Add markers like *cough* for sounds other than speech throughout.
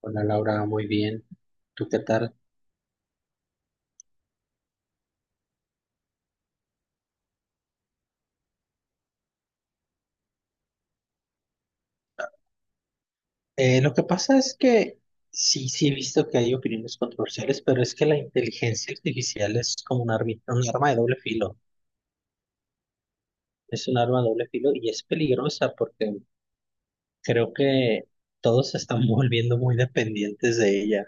Hola Laura, muy bien. ¿Tú qué tal? Lo que pasa es que sí, sí he visto que hay opiniones controversiales, pero es que la inteligencia artificial es como un arma de doble filo. Es un arma de doble filo y es peligrosa porque creo que todos se están *laughs* volviendo muy dependientes de ella.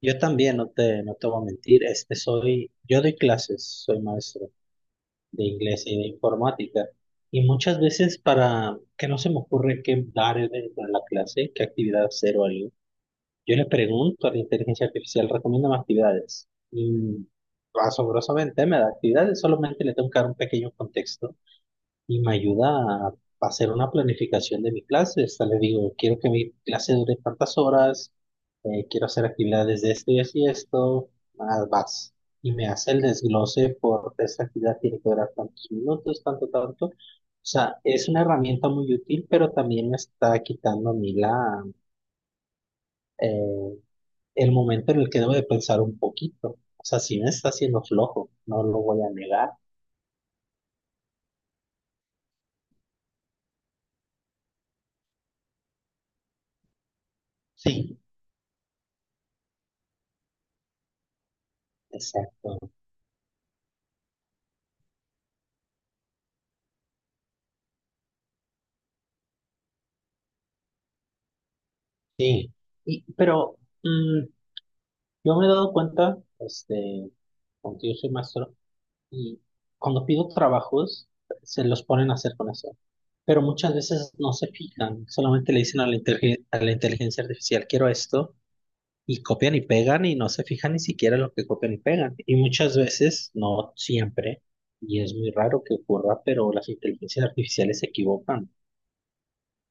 Yo también, no te voy a mentir, este soy, yo doy clases, soy maestro de inglés y de informática. Y muchas veces para que no se me ocurre qué dar dentro de la clase, qué actividad hacer o algo. Yo le pregunto a la inteligencia artificial, recomiéndame actividades. Y asombrosamente me da actividades, solamente le tengo que dar un pequeño contexto y me ayuda a hacer una planificación de mi clase. Hasta le digo, quiero que mi clase dure tantas horas, quiero hacer actividades de esto y así esto, más vas. Y me hace el desglose por esta actividad tiene que durar tantos minutos, tanto, tanto. O sea, es una herramienta muy útil, pero también me está quitando a mí eh, el momento en el que debo de pensar un poquito. O sea, sí me está haciendo flojo, no lo voy a negar. Sí, exacto, sí. Y, pero mm, yo me he dado cuenta, porque yo soy maestro, y cuando pido trabajos, se los ponen a hacer con eso. Pero muchas veces no se fijan, solamente le dicen a la inteligencia artificial, quiero esto, y copian y pegan y no se fijan ni siquiera en lo que copian y pegan. Y muchas veces, no siempre, y es muy raro que ocurra, pero las inteligencias artificiales se equivocan. O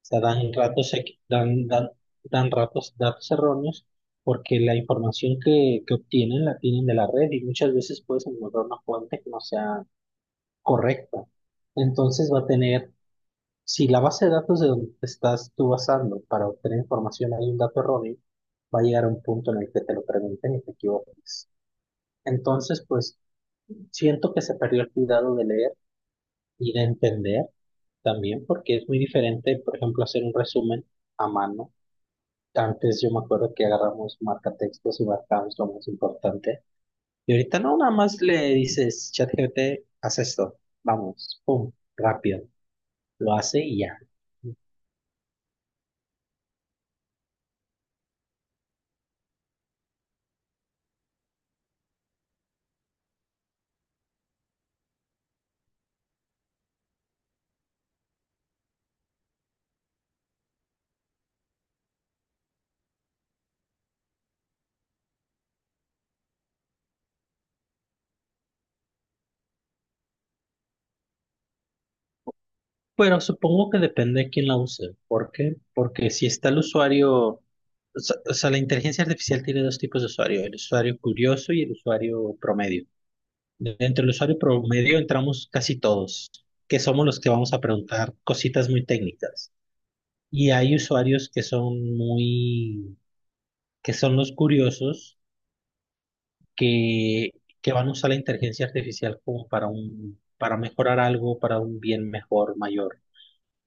sea, dan ratos, equi- dan, dan, dan ratos, datos erróneos porque la información que obtienen la tienen de la red y muchas veces puedes encontrar una fuente que no sea correcta. Entonces va a tener si la base de datos de donde te estás tú basando para obtener información hay un dato erróneo, va a llegar a un punto en el que te lo pregunten y te equivoques. Entonces, pues siento que se perdió el cuidado de leer y de entender también, porque es muy diferente, por ejemplo, hacer un resumen a mano. Antes yo me acuerdo que agarramos marcatextos y marcamos lo más importante. Y ahorita no, nada más le dices, ChatGPT, haz esto, vamos, pum, rápido, lo hace y ya. Pero supongo que depende de quién la use. ¿Por qué? Porque si está el usuario, o sea, la inteligencia artificial tiene dos tipos de usuario, el usuario curioso y el usuario promedio. Dentro del usuario promedio entramos casi todos, que somos los que vamos a preguntar cositas muy técnicas. Y hay usuarios que son que son los curiosos, que, que van a usar la inteligencia artificial como para para mejorar algo, para un bien mejor, mayor.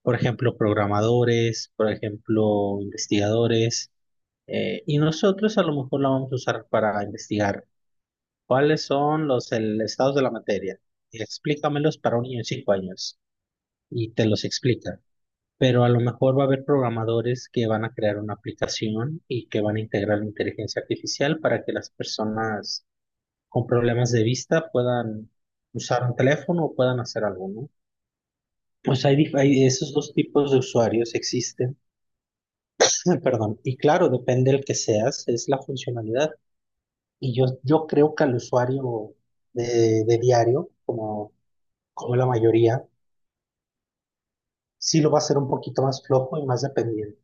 Por ejemplo, programadores, por ejemplo, investigadores, y nosotros a lo mejor la vamos a usar para investigar cuáles son los estados de la materia. Explícamelos para un niño de 5 años y te los explica. Pero a lo mejor va a haber programadores que van a crear una aplicación y que van a integrar inteligencia artificial para que las personas con problemas de vista puedan usar un teléfono o puedan hacer algo, ¿no? Pues hay esos dos tipos de usuarios existen. Perdón, y claro, depende del que seas, es la funcionalidad. Y yo creo que al usuario de diario, como la mayoría, sí lo va a hacer un poquito más flojo y más dependiente.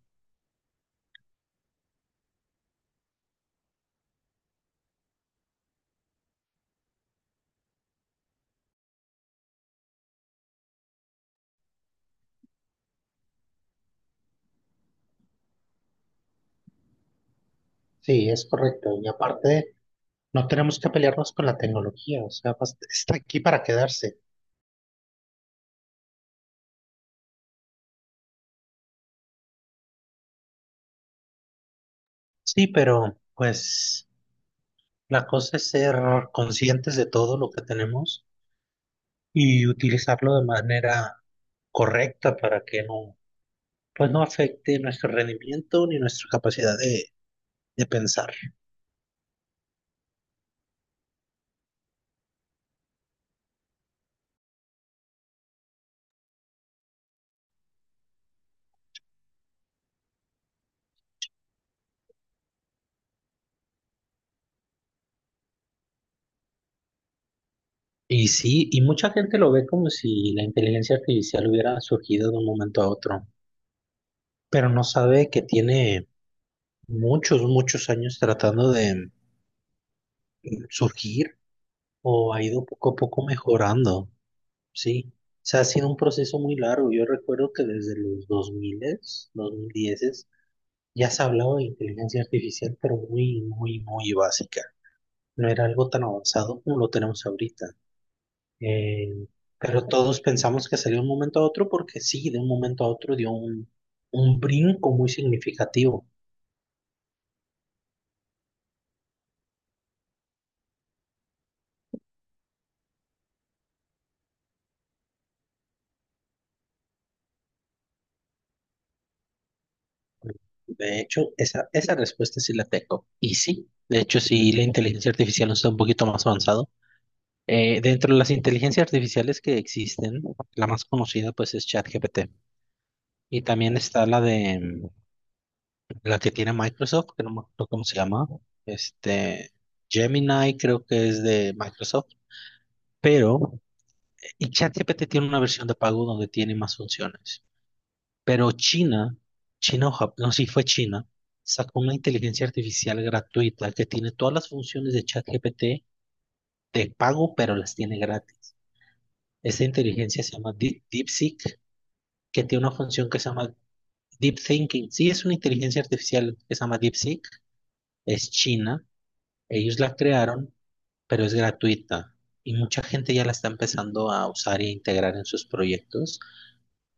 Sí, es correcto. Y aparte, no tenemos que pelearnos con la tecnología, o sea, está aquí para quedarse. Sí, pero pues la cosa es ser conscientes de todo lo que tenemos y utilizarlo de manera correcta para que no pues no afecte nuestro rendimiento ni nuestra capacidad de pensar. Y sí, y mucha gente lo ve como si la inteligencia artificial hubiera surgido de un momento a otro, pero no sabe que tiene muchos, muchos años tratando de surgir o ha ido poco a poco mejorando, ¿sí? O sea, ha sido un proceso muy largo. Yo recuerdo que desde los 2000, 2010, ya se hablaba de inteligencia artificial, pero muy, muy, muy básica. No era algo tan avanzado como lo tenemos ahorita. Eh, pero todos pensamos que salió de un momento a otro porque sí, de un momento a otro dio un brinco muy significativo. De hecho, esa respuesta sí la tengo. Y sí, de hecho, sí, la inteligencia artificial está un poquito más avanzado. Dentro de las inteligencias artificiales que existen, la más conocida pues es ChatGPT. Y también está la que tiene Microsoft, que no me acuerdo cómo se llama. Este, Gemini creo que es de Microsoft. pero Y ChatGPT tiene una versión de pago donde tiene más funciones. Pero China, China o Japón, no, sí fue China, sacó una inteligencia artificial gratuita que tiene todas las funciones de ChatGPT de pago, pero las tiene gratis. Esa inteligencia se llama DeepSeek, que tiene una función que se llama Deep Thinking. Sí, es una inteligencia artificial que se llama DeepSeek, es China, ellos la crearon, pero es gratuita. Y mucha gente ya la está empezando a usar e integrar en sus proyectos.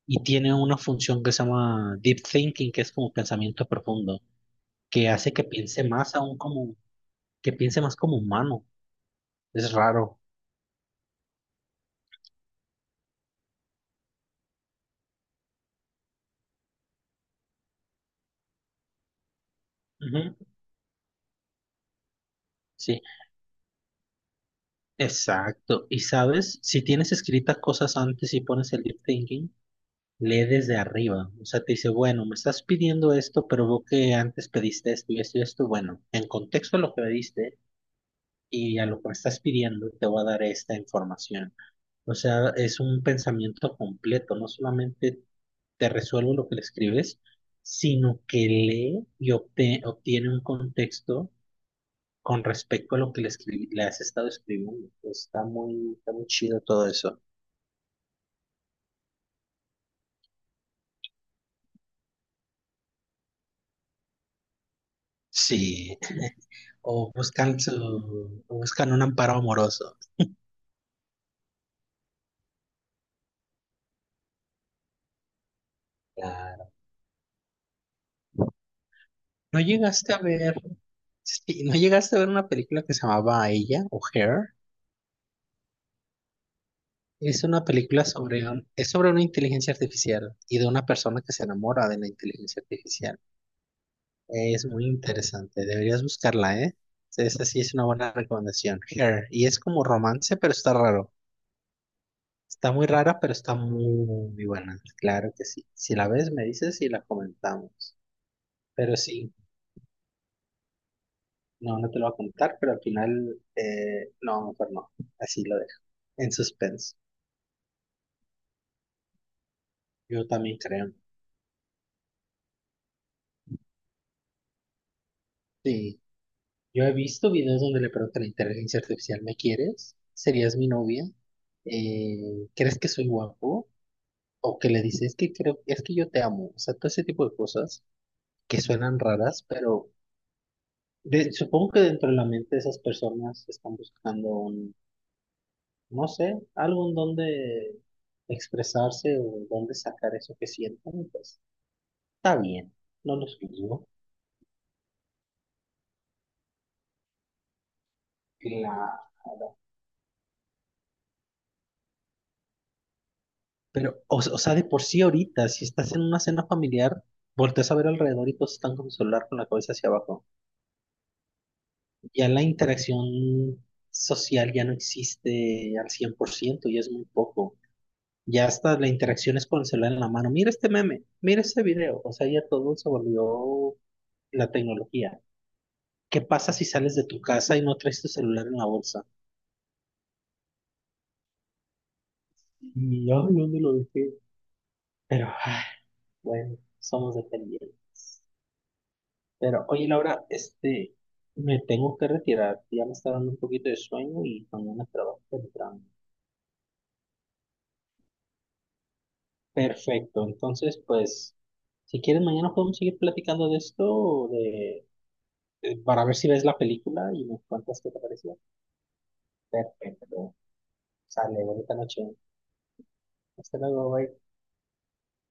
Y tiene una función que se llama deep thinking, que es como pensamiento profundo, que hace que piense más aún que piense más como humano. Es raro. Ujú. Sí, exacto. Y sabes, si tienes escritas cosas antes y pones el deep thinking, lee desde arriba. O sea, te dice, bueno, me estás pidiendo esto, pero veo que antes pediste esto y esto y esto. Bueno, en contexto a lo que pediste y a lo que me estás pidiendo, te voy a dar esta información. O sea, es un pensamiento completo, no solamente te resuelvo lo que le escribes, sino que lee y obtiene un contexto con respecto a lo que le escribí, le has estado escribiendo. Está muy chido todo eso. Sí, o buscan su, o buscan un amparo amoroso. Claro. ¿No llegaste a ver, sí, no llegaste a ver una película que se llamaba Ella o Her? Es una película es sobre una inteligencia artificial y de una persona que se enamora de la inteligencia artificial. Es muy interesante, deberías buscarla, ¿eh? Esa sí es una buena recomendación. Her. Y es como romance, pero está raro. Está muy rara, pero está muy buena. Claro que sí. Si la ves, me dices y la comentamos. Pero sí, no, no te lo voy a contar, pero al final, no, mejor no. Así lo dejo. En suspenso. Yo también creo. Sí. Yo he visto videos donde le preguntan a la inteligencia artificial, ¿me quieres? ¿Serías mi novia? ¿Crees que soy guapo? O que le dices, es que creo, es que yo te amo. O sea, todo ese tipo de cosas que suenan raras, pero supongo que dentro de la mente de esas personas están buscando no sé, algo en donde expresarse o donde sacar eso que sienten. Y pues está bien, no los juzgo. Claro. Pero, o sea, de por sí ahorita, si estás en una cena familiar, volteas a ver alrededor y todos están con su celular con la cabeza hacia abajo. Ya la interacción social ya no existe al 100% y es muy poco. Ya hasta la interacción es con el celular en la mano. Mira este meme, mira este video. O sea, ya todo se volvió la tecnología. ¿Qué pasa si sales de tu casa y no traes tu celular en la bolsa? Y ay, ¿dónde lo dejé? Pero, ay, bueno, somos dependientes. Pero, oye, Laura, me tengo que retirar. Ya me está dando un poquito de sueño y mañana trabajo temprano. Perfecto, entonces pues si quieres mañana podemos seguir platicando de esto, para ver si ves la película y me cuentas qué te pareció. Perfecto, sale, bonita noche. Hasta luego, bye.